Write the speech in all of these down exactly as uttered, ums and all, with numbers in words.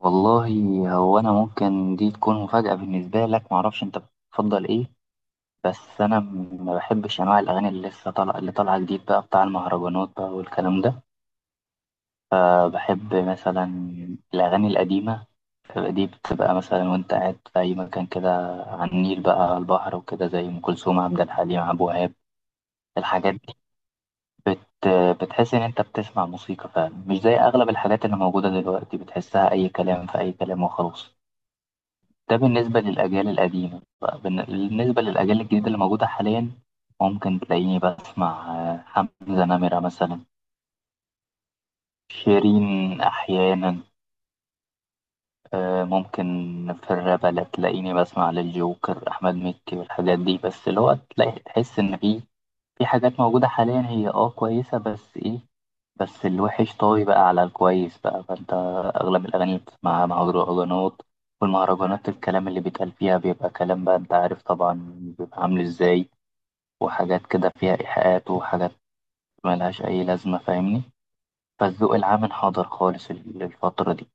والله، هو انا ممكن دي تكون مفاجأة بالنسبة لك. معرفش انت بتفضل ايه. بس انا م- ما بحبش انواع الاغاني اللي لسه طالعه، اللي طالعه جديد بقى، بتاع المهرجانات بقى والكلام ده. فبحب مثلا الاغاني القديمة دي. بتبقى مثلا وانت قاعد في اي مكان كده، على النيل بقى، على البحر وكده، زي ام كلثوم، عبد الحليم، عبد الوهاب، الحاجات دي. بت بتحس ان انت بتسمع موسيقى فعلا، مش زي اغلب الحاجات اللي موجودة دلوقتي. بتحسها اي كلام في اي كلام وخلاص. ده بالنسبة للأجيال القديمة بقى. بالن- بالنسبة للأجيال الجديدة اللي موجودة حاليا، ممكن تلاقيني بسمع آه، حمزة نمرة مثلا، شيرين أحيانا. آه، ممكن في الراب، لا تلاقيني بسمع للجوكر، أحمد مكي والحاجات دي. بس اللي هو تلاقي تحس إن في في حاجات موجودة حاليا هي اه كويسة، بس إيه، بس الوحش طاوي بقى على الكويس بقى. فانت اغلب الاغاني اللي بتسمعها مهرجانات، والمهرجانات الكلام اللي بيتقال فيها بيبقى كلام بقى انت عارف طبعا بيبقى عامل ازاي، وحاجات كده فيها ايحاءات وحاجات ملهاش اي لازمه، فاهمني. فالذوق العام انحدر خالص ال- الفتره دي.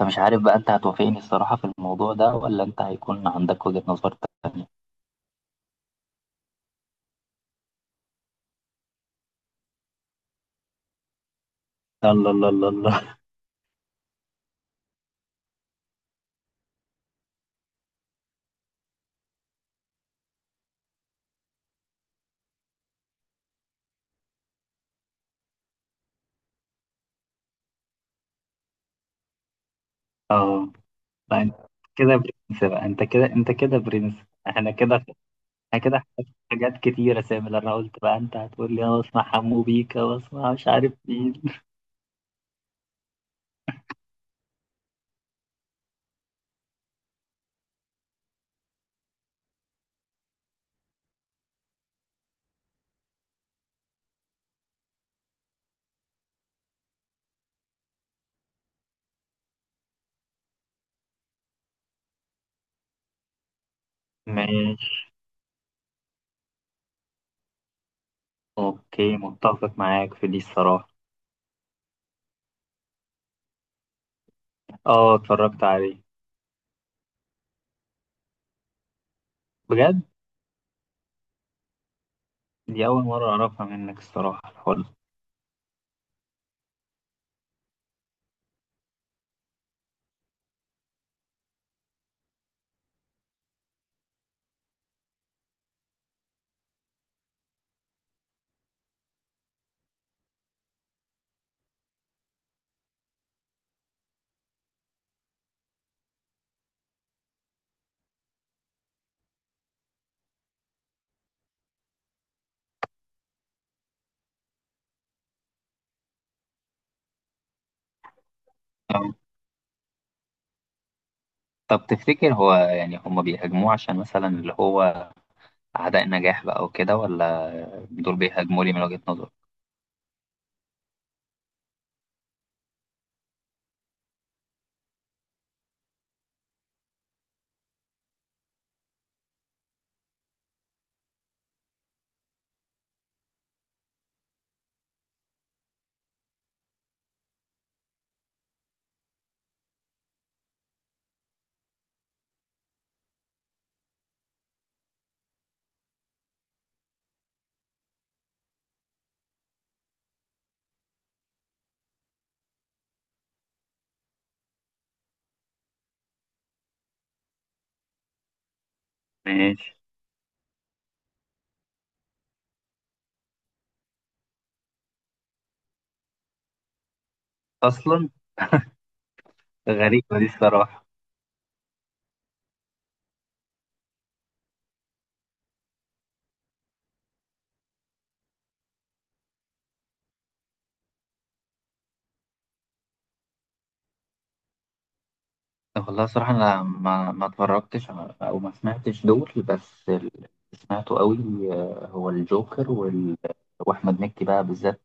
فمش عارف بقى انت هتوافقني الصراحه في الموضوع ده، ولا انت هيكون عندك وجهه نظر تانية؟ الله، الله، الله، الله! اه. لا، انت كده برنس بقى، انت كده، انت كده برنس. احنا كده. انا كده احتجت حاجات كتيرة، سامي، لأن انا قلت بقى انت هتقول لي انا بسمع حمو بيكا، بسمع مش عارف مين. ماشي. اوكي، متفق معاك في دي الصراحة. اه، اتفرجت عليه. بجد، دي اول مرة اعرفها منك الصراحة، الحوار. طب طب تفتكر هو يعني هما بيهاجموه عشان مثلا اللي هو اعداء النجاح بقى وكده، ولا دول بيهاجموا لي من وجهة نظر؟ ماشي. اصلا غريبة دي الصراحة. والله صراحة أنا ما ما اتفرجتش على- أو ما سمعتش دول، بس اللي سمعته قوي آه، هو الجوكر وال... وأحمد مكي بقى بالذات،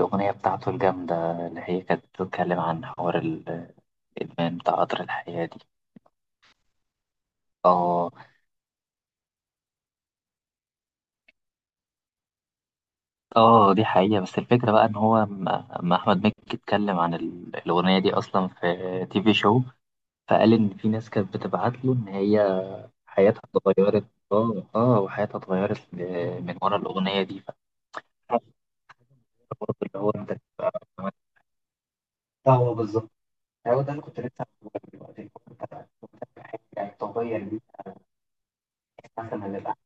الأغنية بتاعته الجامدة اللي هي كانت بتتكلم عن حوار ال- الإدمان بتاع قطر الحياة دي. آه. آه، دي حقيقة. بس الفكرة بقى إن هو ما ما أحمد مكي اتكلم عن ال- الأغنية دي أصلا في تي في شو. فقال إن في ناس كانت بتبعت له إن هي حياتها اتغيرت. آه. آه، وحياتها اتغيرت آه، من ورا الأغنية دي. برضه اللي هو انت تبقى، ده هو بالظبط. هو ده اللي كنت لسه هقوله لك دلوقتي. انت أنت حاجه طبيعيه ليك. مثلا للأحد.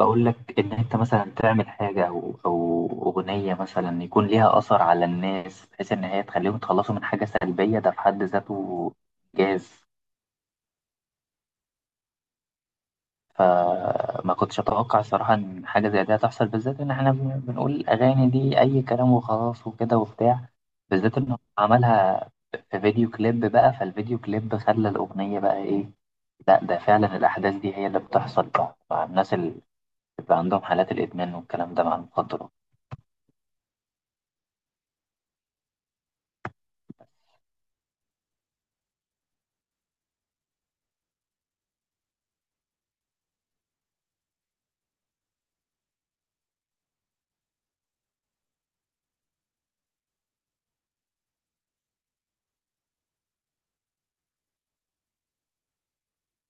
بقول لك ان انت مثلا تعمل حاجه او او اغنيه مثلا يكون ليها اثر على الناس بحيث ان هي تخليهم يتخلصوا من حاجه سلبيه، ده في حد ذاته جاز. فما كنتش أتوقع الصراحة إن حاجة زي دي هتحصل، بالذات إن إحنا بن- بنقول الأغاني دي أي كلام وخلاص وكده وبتاع. بالذات إن هو عملها في فيديو كليب بقى، فالفيديو كليب خلى الأغنية بقى إيه. لا، ده فعلا الأحداث دي هي اللي بتحصل بقى مع الناس اللي بيبقى عندهم حالات الإدمان والكلام ده مع المخدرات.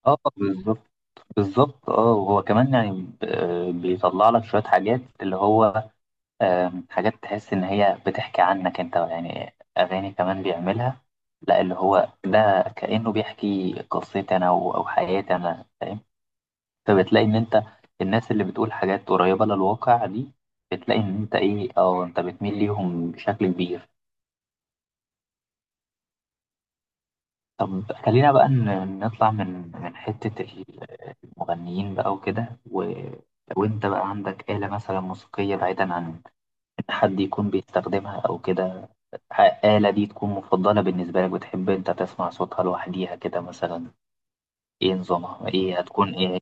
اه، بالظبط، بالظبط. اه، وهو كمان يعني ب- آه، بيطلع لك شوية حاجات اللي هو آم، حاجات تحس إن هي بتحكي عنك أنت، يعني أغاني كمان بيعملها لا اللي هو ده كأنه بيحكي قصتي أنا أو أو حياتي أنا، فاهم. فبتلاقي إن أنت الناس اللي بتقول حاجات قريبة للواقع دي، بتلاقي إن أنت إيه، أو أنت بتميل ليهم بشكل كبير. طب، خلينا بقى ن- نطلع من من حتة ال- المغنيين بقى وكده و... وأنت بقى عندك آلة مثلا موسيقية بعيدا عن حد يكون بيستخدمها أو كده، آلة دي تكون مفضلة بالنسبة لك، بتحب أنت تسمع صوتها لوحديها كده مثلا، إيه نظامها، إيه هتكون، إيه؟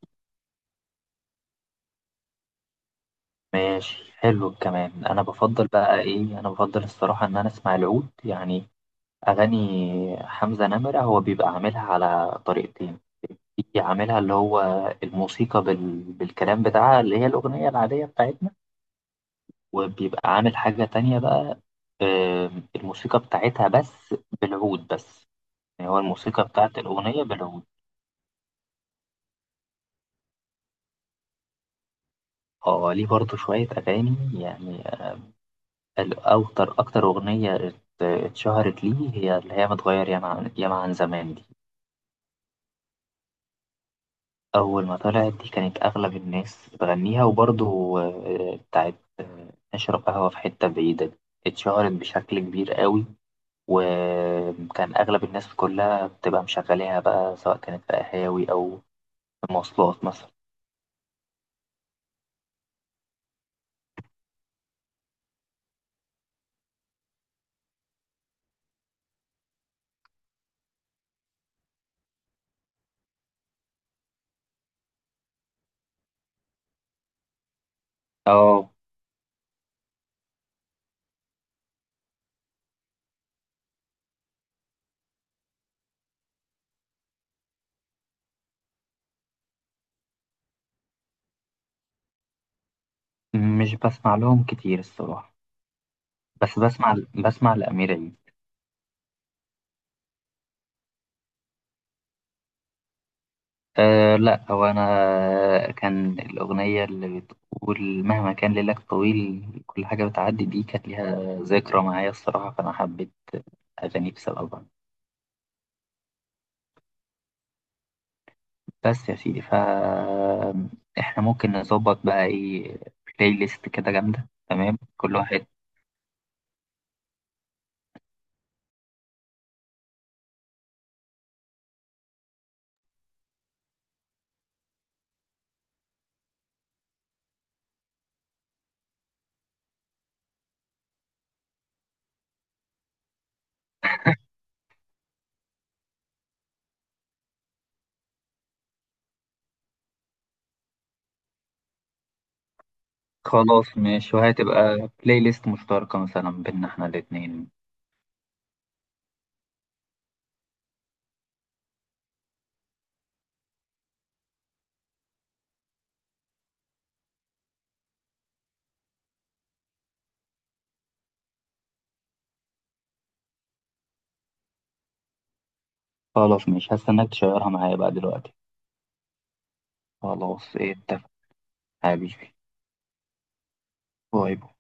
ماشي، حلو الكمان. أنا بفضل بقى إيه، أنا بفضل الصراحة إن أنا أسمع العود يعني. أغاني حمزة نمرة هو بيبقى عاملها على طريقتين. في عاملها اللي هو الموسيقى بال... بالكلام بتاعها، اللي هي الأغنية العادية بتاعتنا. وبيبقى عامل حاجة تانية بقى آم، الموسيقى بتاعتها بس، بالعود بس. يعني هو الموسيقى بتاعت الأغنية بالعود. اه آه، ليه برضه شوية أغاني، يعني الأكتر، أكتر أغنية ات- اتشهرت ليه هي اللي هي متغير ياما عن ياما عن زمان دي. أول ما طلعت دي كانت أغلب الناس بتغنيها. وبرضه آه، بتاعت آه، نشرب قهوة في حتة بعيدة دي اتشهرت بشكل كبير قوي، وكان أغلب الناس كلها بتبقى مشغلاها بقى سواء كانت في قهاوي أو في مواصلات مثلا. اه، مش بسمع لهم كتير الصراحة، بس بسمع بسمع لأمير عيد. أه، لا، هو أنا كان الأغنية اللي بتقول مهما كان ليلك طويل كل حاجة بتعدي دي كانت ليها ذكرى معايا الصراحة، فأنا حبيت أغاني بسببها. بس يا سيدي، ف إحنا ممكن نظبط بقى إيه، بلاي ليست كده جامدة تمام، كل واحد. خلاص، ماشي، وهتبقى بلاي ليست مشتركة مثلا بينا إحنا الاتنين. خلاص، ماشي، هستناك تشيرها معايا بقى دلوقتي. خلاص، إيه، اتفق حبيبي. باي باي.